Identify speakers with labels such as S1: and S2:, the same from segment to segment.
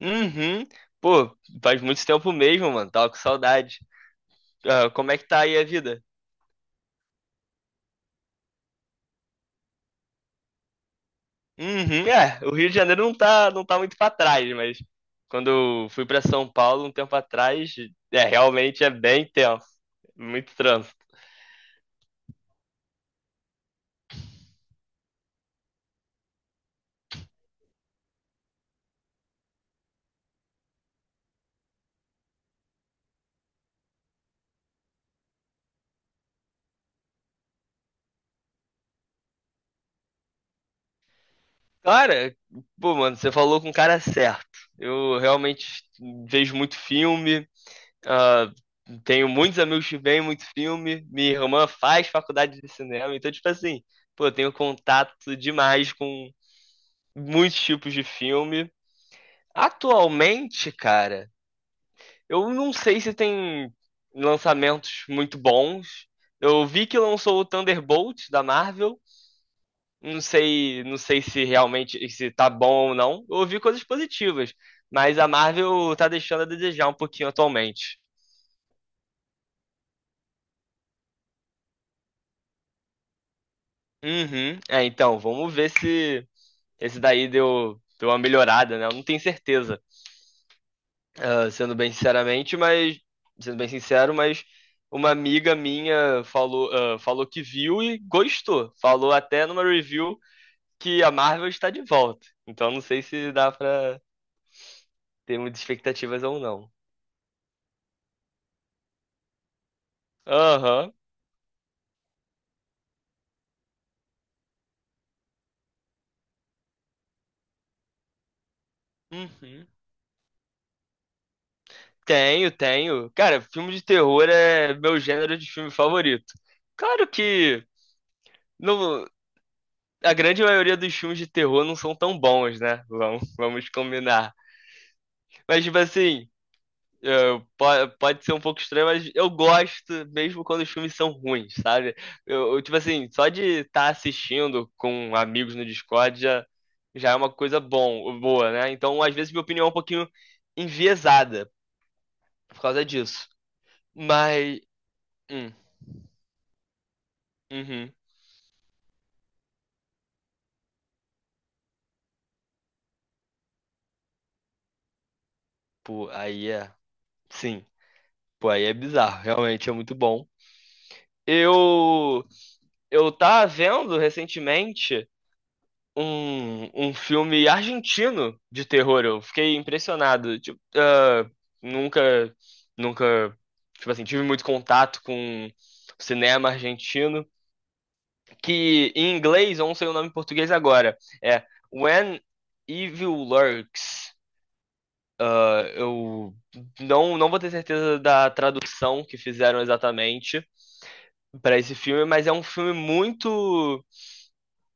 S1: Uhum. Pô, faz muito tempo mesmo, mano. Tava com saudade. Ah, como é que tá aí a vida? Uhum. É, o Rio de Janeiro não tá muito pra trás, mas quando eu fui pra São Paulo um tempo atrás, é, realmente é bem tenso. Muito trânsito. Cara, pô, mano, você falou com o cara certo. Eu realmente vejo muito filme, ah, tenho muitos amigos que veem muito filme. Minha irmã faz faculdade de cinema, então, tipo assim, pô, eu tenho contato demais com muitos tipos de filme. Atualmente, cara, eu não sei se tem lançamentos muito bons. Eu vi que lançou o Thunderbolt da Marvel. Não sei se realmente se tá bom ou não. Eu ouvi coisas positivas, mas a Marvel tá deixando a desejar um pouquinho atualmente. Uhum. É, então, vamos ver se esse daí deu uma melhorada, né? Eu não tenho certeza. ah, sendo bem sinceramente, mas Sendo bem sincero, mas uma amiga minha falou, falou que viu e gostou. Falou até numa review que a Marvel está de volta. Então não sei se dá pra ter muitas expectativas ou não. Aham. Uhum. Tenho, tenho. Cara, filme de terror é meu gênero de filme favorito. Claro que no, a grande maioria dos filmes de terror não são tão bons, né? Vamos combinar. Mas, tipo assim, É, po- pode ser um pouco estranho, mas eu gosto mesmo quando os filmes são ruins, sabe? Tipo assim, só de estar assistindo com amigos no Discord já, já é uma boa, né? Então, às vezes, minha opinião é um pouquinho enviesada por causa disso. Mas, hum, uhum, pô, sim, pô, aí é bizarro, realmente é muito bom. Eu, eu tava vendo recentemente um filme argentino de terror. Eu fiquei impressionado. Tipo, ah, nunca, nunca, tipo assim, tive muito contato com cinema argentino. Que em inglês, eu não sei o nome em português agora, é When Evil Lurks. Ah, eu não, não vou ter certeza da tradução que fizeram exatamente para esse filme, mas é um filme muito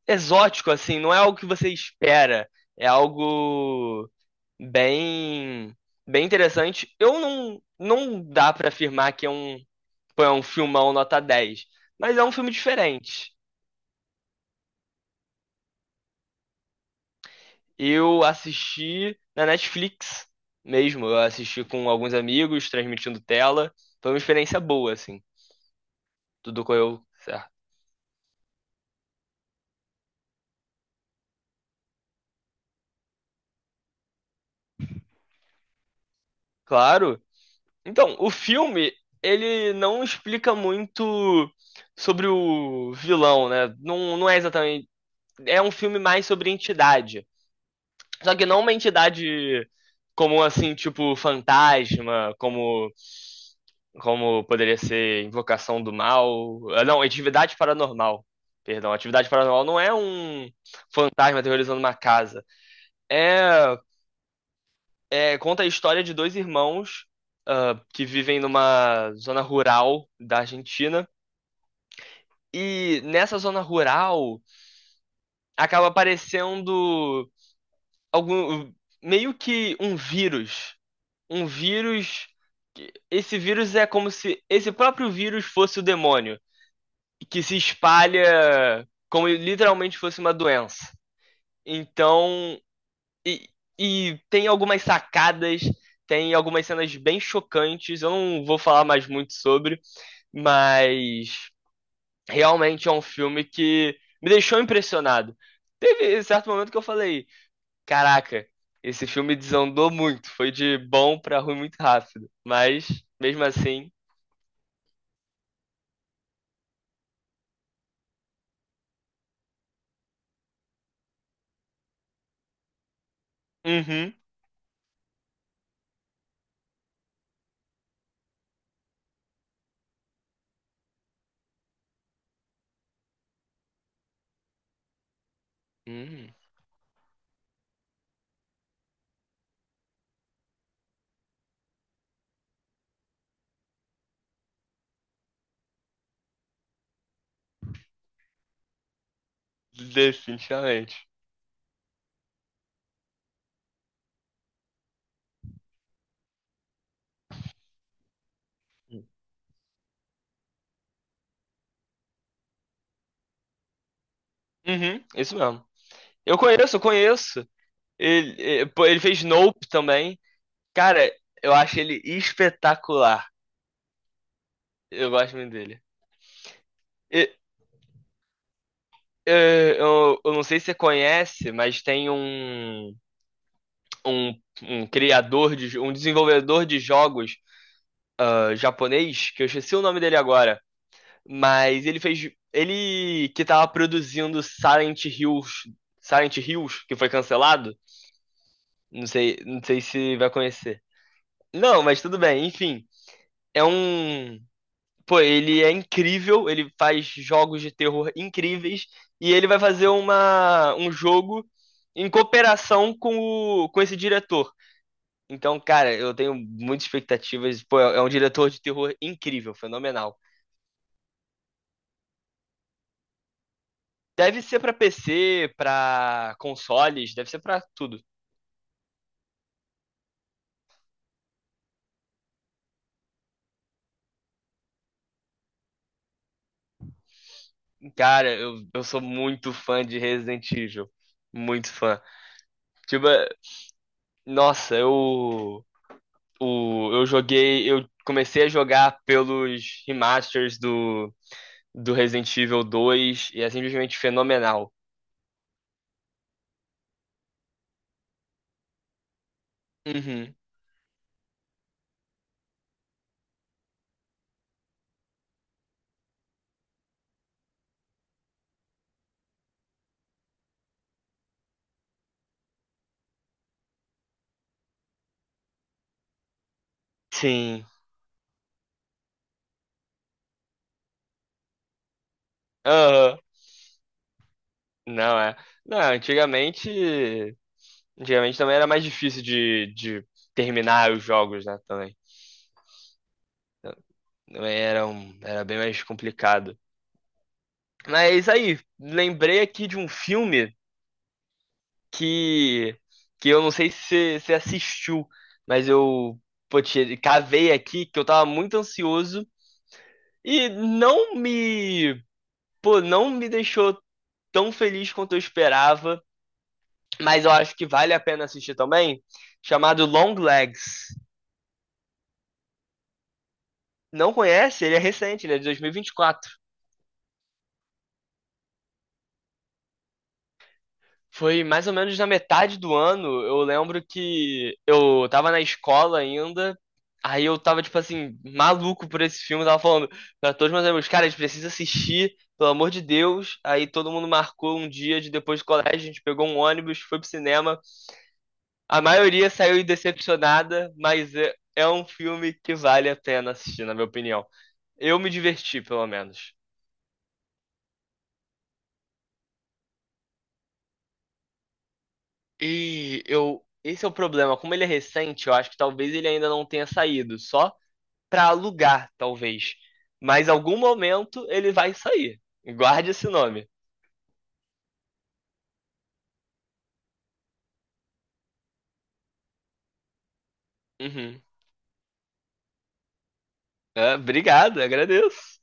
S1: exótico, assim, não é algo que você espera. É algo bem bem interessante. Eu não dá pra afirmar que é um é um filmão nota dez, mas é um filme diferente. Eu assisti na Netflix mesmo, eu assisti com alguns amigos, transmitindo tela. Foi uma experiência boa, assim. Tudo correu certo. Claro. Então, o filme, ele não explica muito sobre o vilão, né? Não, não é exatamente. É um filme mais sobre entidade. Só que não uma entidade como assim, tipo fantasma, como poderia ser invocação do mal. Não, atividade paranormal. Perdão, atividade paranormal não é um fantasma aterrorizando uma casa. É, é- conta a história de dois irmãos que vivem numa zona rural da Argentina. E nessa zona rural acaba aparecendo algum meio que um vírus. Que- esse vírus é como se esse próprio vírus fosse o demônio, que se espalha como literalmente fosse uma doença. Então, e, e tem algumas sacadas, tem algumas cenas bem chocantes. Eu não vou falar mais muito sobre, mas realmente é um filme que me deixou impressionado. Teve certo momento que eu falei. Caraca, esse filme desandou muito. Foi de bom pra ruim muito rápido. Mas, mesmo assim, uhum, hum, definitivamente. Uhum, isso mesmo. Eu conheço. Ele, pô, ele fez Nope também. Cara, eu acho ele espetacular. Eu gosto muito dele. E, eu não sei se você conhece, mas tem um, um criador de, um desenvolvedor de jogos japonês, que eu esqueci o nome dele agora. Mas ele fez. Ele que tava produzindo Silent Hills. Silent Hills, que foi cancelado. Não sei se vai conhecer. Não, mas tudo bem, enfim. É um. Pô, ele é incrível, ele faz jogos de terror incríveis. E ele vai fazer um jogo em cooperação com, com esse diretor. Então, cara, eu tenho muitas expectativas. Pô, é um diretor de terror incrível, fenomenal. Deve ser pra PC, pra consoles, deve ser pra tudo. Cara, eu sou muito fã de Resident Evil. Muito fã. Tipo, nossa, eu, eu joguei. Eu comecei a jogar pelos remasters do Resident Evil 2 e é simplesmente fenomenal. Uhum. Sim. Aham. Não é. Não, antigamente. Antigamente também era mais difícil de terminar os jogos, né? Também. Também era, era bem mais complicado. Mas aí, lembrei aqui de um filme que, que eu não sei se você assistiu, mas eu pô, te- cavei aqui que eu tava muito ansioso e pô, não me deixou tão feliz quanto eu esperava, mas eu acho que vale a pena assistir também, chamado Long Legs. Não conhece? Ele é recente, ele é de 2024. Foi mais ou menos na metade do ano. Eu lembro que eu tava na escola ainda. Aí eu tava, tipo assim, maluco por esse filme. Tava falando pra todos meus amigos, cara, a gente precisa assistir, pelo amor de Deus. Aí todo mundo marcou um dia de depois do colégio. A gente pegou um ônibus, foi pro cinema. A maioria saiu decepcionada, mas é, é um filme que vale a pena assistir, na minha opinião. Eu me diverti, pelo menos. E eu. Esse é o problema. Como ele é recente, eu acho que talvez ele ainda não tenha saído. Só para alugar, talvez. Mas em algum momento ele vai sair. Guarde esse nome. Uhum. É, obrigado, agradeço.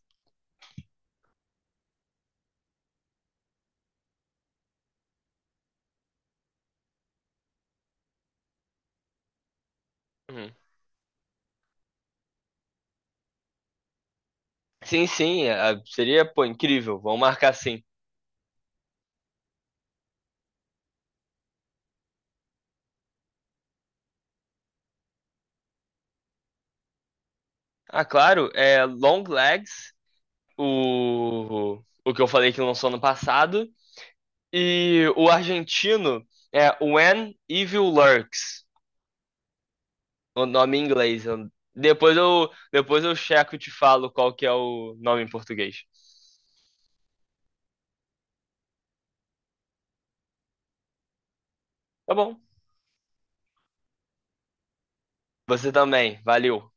S1: Uhum. Sim, sim, é, é, seria, pô, incrível. Vamos marcar sim. Ah, claro, é Long Legs, o que eu falei que lançou ano passado, e o argentino é When Evil Lurks, o nome em inglês. Eu- depois eu checo e te falo qual que é o nome em português. Tá bom. Você também, valeu.